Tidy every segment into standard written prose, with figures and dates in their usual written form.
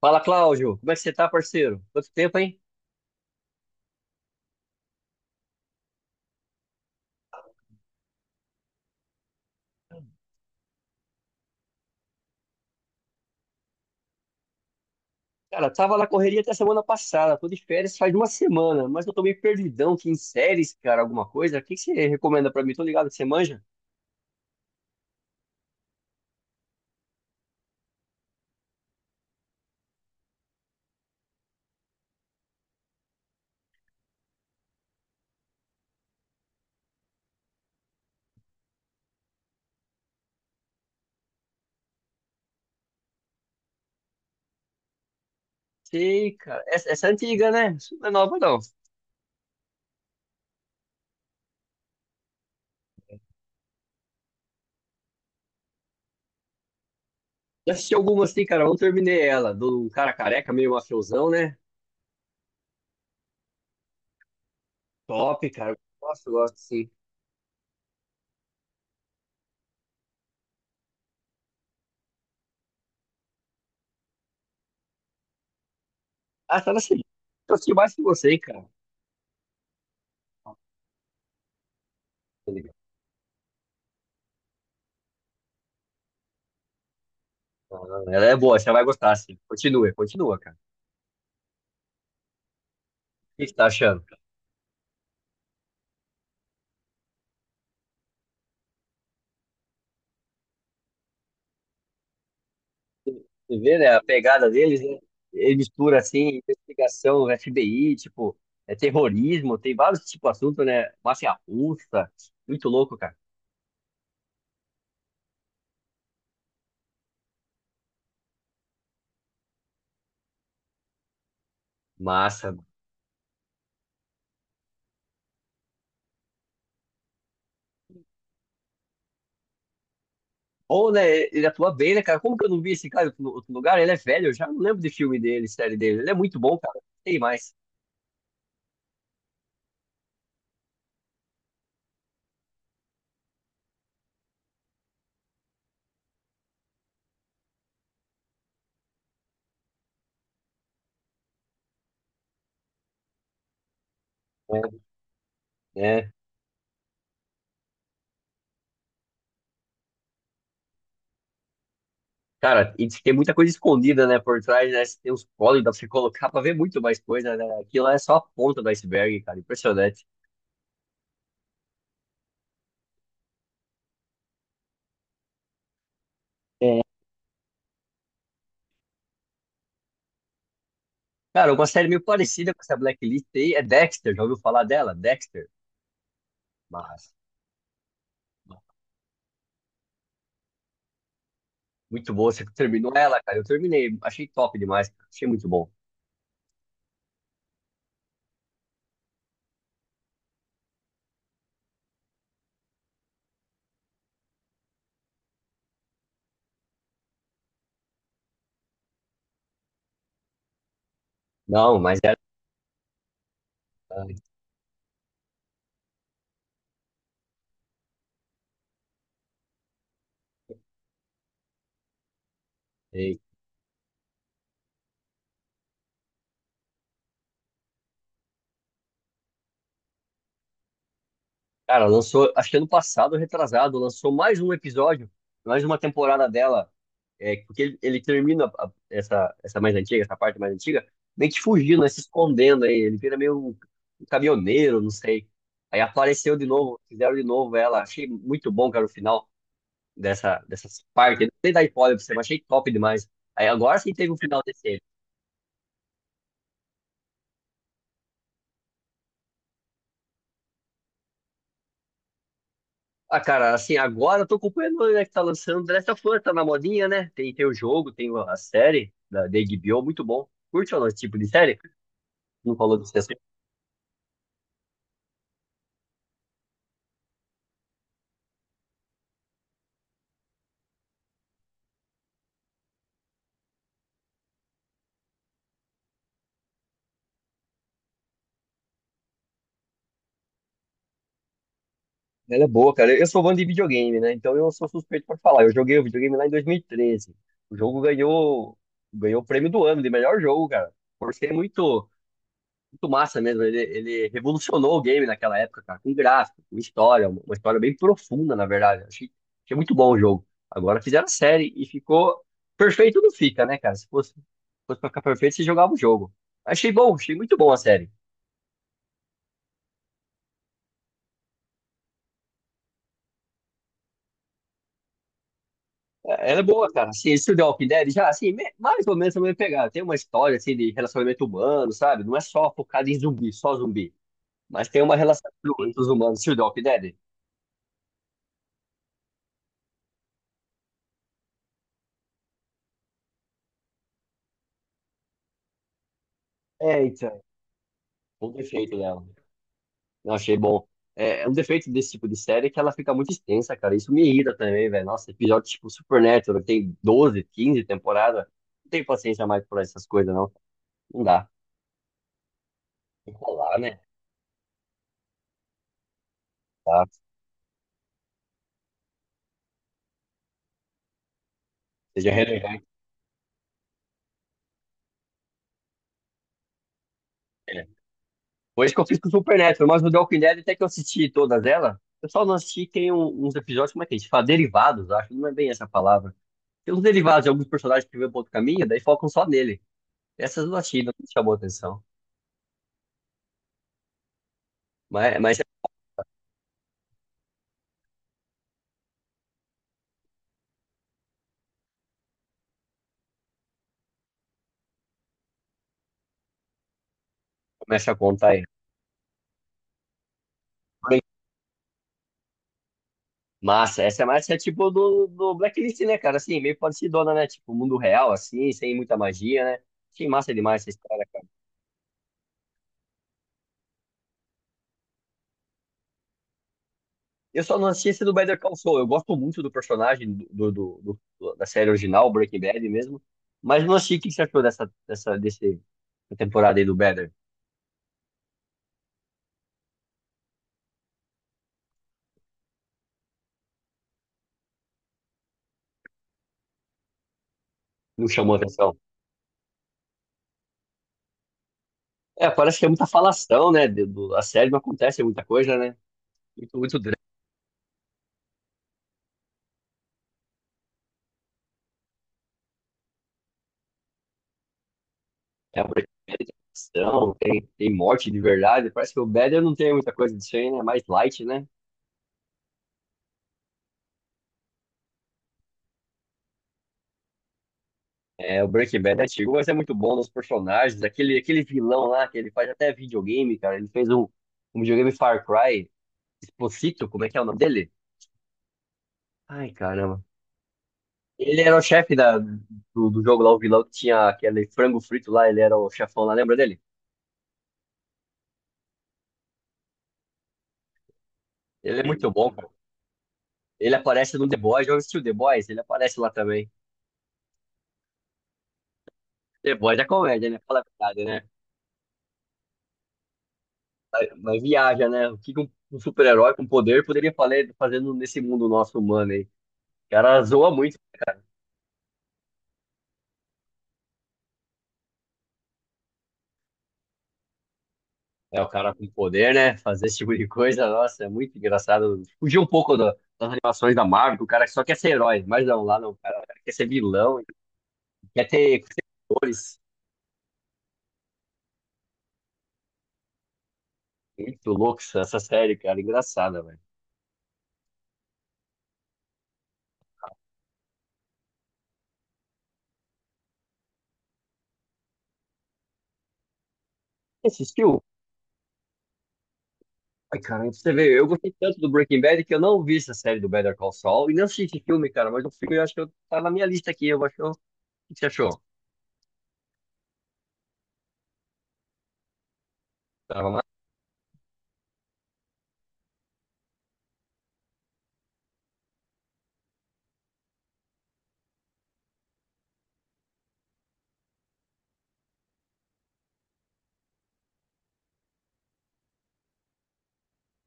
Fala, Cláudio. Como é que você tá, parceiro? Quanto tempo, hein? Cara, tava na correria até semana passada. Tô de férias faz uma semana, mas eu tô meio perdidão aqui em séries, cara, alguma coisa. O que que você recomenda pra mim? Tô ligado que você manja? Sei, cara. Essa é antiga, né? Isso não é nova, não. Já assisti algumas, assim, cara. Não terminei ela. Do cara careca, meio mafiosão, né? Top, cara. Nossa, eu gosto, sim. Ah, tá na segunda. Eu assisti mais que você, hein, cara. Tá ligado? Ah, ela é boa, você vai gostar, sim. Continua, continua, cara. O que você tá achando? Você vê, né, a pegada deles, né? Ele mistura, assim, investigação, FBI, tipo, é terrorismo, tem vários tipos de assunto, né? Máfia russa, muito louco, cara. Massa, mano. Ou, né, ele atua bem, né, cara? Como que eu não vi esse cara em outro lugar? Ele é velho, eu já não lembro de filme dele, série dele. Ele é muito bom, cara. Tem mais. É, é. Cara, e diz que tem muita coisa escondida, né, por trás, né? Tem uns códigos pra você colocar pra ver muito mais coisa, né? Aquilo lá é só a ponta do iceberg, cara. Impressionante. Cara, uma série meio parecida com essa Blacklist aí é Dexter. Já ouviu falar dela? Dexter? Mas, muito boa. Você terminou ela, cara? Eu terminei. Achei top demais, cara. Achei muito bom. Não, mas era. E, cara, lançou. Acho que ano passado, retrasado, lançou mais um episódio, mais uma temporada dela. É, porque ele termina essa, essa mais antiga, essa parte mais antiga, meio que fugindo, né, se escondendo aí. Ele vira meio um, um caminhoneiro, não sei. Aí apareceu de novo, fizeram de novo ela. Achei muito bom, cara, o final dessa, dessas partes. Não sei dar spoiler pra você, mas achei top demais. Aí agora sim teve um final decente. Ah, cara, assim, agora eu tô acompanhando, né, que tá lançando The Last of Us, tá na modinha, né? Tem, tem o jogo, tem a série da HBO, muito bom. Curte ou não esse tipo de série? Não falou desse assunto. Ela é boa, cara. Eu sou fã de videogame, né? Então eu sou suspeito pra falar. Eu joguei o videogame lá em 2013. O jogo ganhou, ganhou o prêmio do ano de melhor jogo, cara. Por ser muito massa mesmo. Ele revolucionou o game naquela época, cara, com gráfico, com história, uma história bem profunda, na verdade. Achei, achei muito bom o jogo. Agora fizeram a série e ficou perfeito, não fica, né, cara? Se fosse, fosse pra ficar perfeito, você jogava o jogo. Achei bom, achei muito bom a série. É, ela é boa, cara. Assim, esse The Walking Dead já, assim, mais ou menos também pegar. Tem uma história, assim, de relacionamento humano, sabe? Não é só focado em zumbi, só zumbi. Mas tem uma relação entre os humanos. Se o The Walking Dead, é, então, o defeito dela. Eu achei bom. É, é um defeito desse tipo de série é que ela fica muito extensa, cara. Isso me irrita também, velho. Nossa, episódio tipo Supernatural, que tem 12 15 temporadas. Não tenho paciência mais por essas coisas, não. Não dá. Tem que rolar, né? Tá. Seja relevante, né? Foi isso que eu fiz com o Supernatural, mas o The Walking Dead até que eu assisti todas elas. Eu só não assisti, tem uns episódios, como é que a gente fala? Derivados, acho. Não é bem essa palavra. Tem uns derivados de alguns personagens que vêm para outro caminho, daí focam só nele. Essas eu não assisti, não me chamou atenção. Mas você começa a contar aí. Massa, essa é mais é tipo do, do Blacklist, né, cara? Assim, meio parecidona, né? Tipo, mundo real, assim, sem muita magia, né? Achei massa demais essa história, cara. Eu só não assisti esse do Better Call Saul. Eu gosto muito do personagem do, do, da série original, Breaking Bad mesmo. Mas não assisti. O que você achou dessa, dessa, desse, da temporada aí do Better? Não chamou atenção. É, parece que é muita falação, né? A série não acontece muita coisa, né? Muito, muito drama, é apresentação, tem, tem morte de verdade. Parece que o Better não tem muita coisa disso aí, né? É mais light, né? É, o Breaking Bad é antigo, mas é muito bom nos personagens. Aquele, aquele vilão lá, que ele faz até videogame, cara. Ele fez um, um videogame Far Cry. Esposito, como é que é o nome dele? Ai, caramba. Ele era o chefe da, do, do jogo lá, o vilão que tinha aquele frango frito lá. Ele era o chefão lá, lembra dele? Ele é muito bom, cara. Ele aparece no The Boys. Já assistiu The Boys? Ele aparece lá também. The Boys é comédia, né? Fala a verdade, né? Mas viaja, né? O que que um super-herói com poder poderia fazer, fazendo nesse mundo nosso humano aí? O cara zoa muito. É, o cara com poder, né? Fazer esse tipo de coisa, nossa, é muito engraçado. Fugir um pouco das animações da Marvel, que o cara só quer ser herói, mas não, lá não, cara, o cara quer ser vilão, quer ter cores. Muito louco essa série, cara, engraçada, velho. Você assistiu? Ai, cara, pra você vê, eu gostei tanto do Breaking Bad que eu não vi essa série do Better Call Saul e não assisti esse filme, cara, mas o filme eu acho que tá na minha lista aqui, eu acho que eu... O que você achou? Tava mais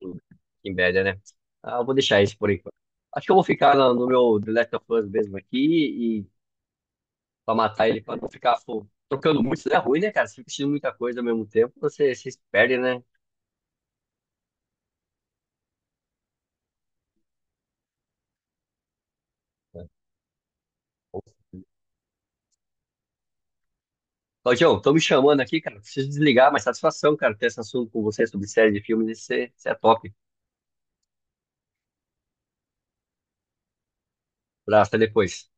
do Breaking Bad, né? Ah, eu vou deixar isso por enquanto. Acho que eu vou ficar no, no meu The Last of Us mesmo aqui pra matar ele, pra não ficar pô, trocando muito. Isso é ruim, né, cara? Você fica assistindo muita coisa ao mesmo tempo, você, você se perde, né? Claudião, estão me chamando aqui, cara. Preciso desligar, mas satisfação, cara, ter esse assunto com você sobre série de filmes. Isso é top. Abraço, até depois.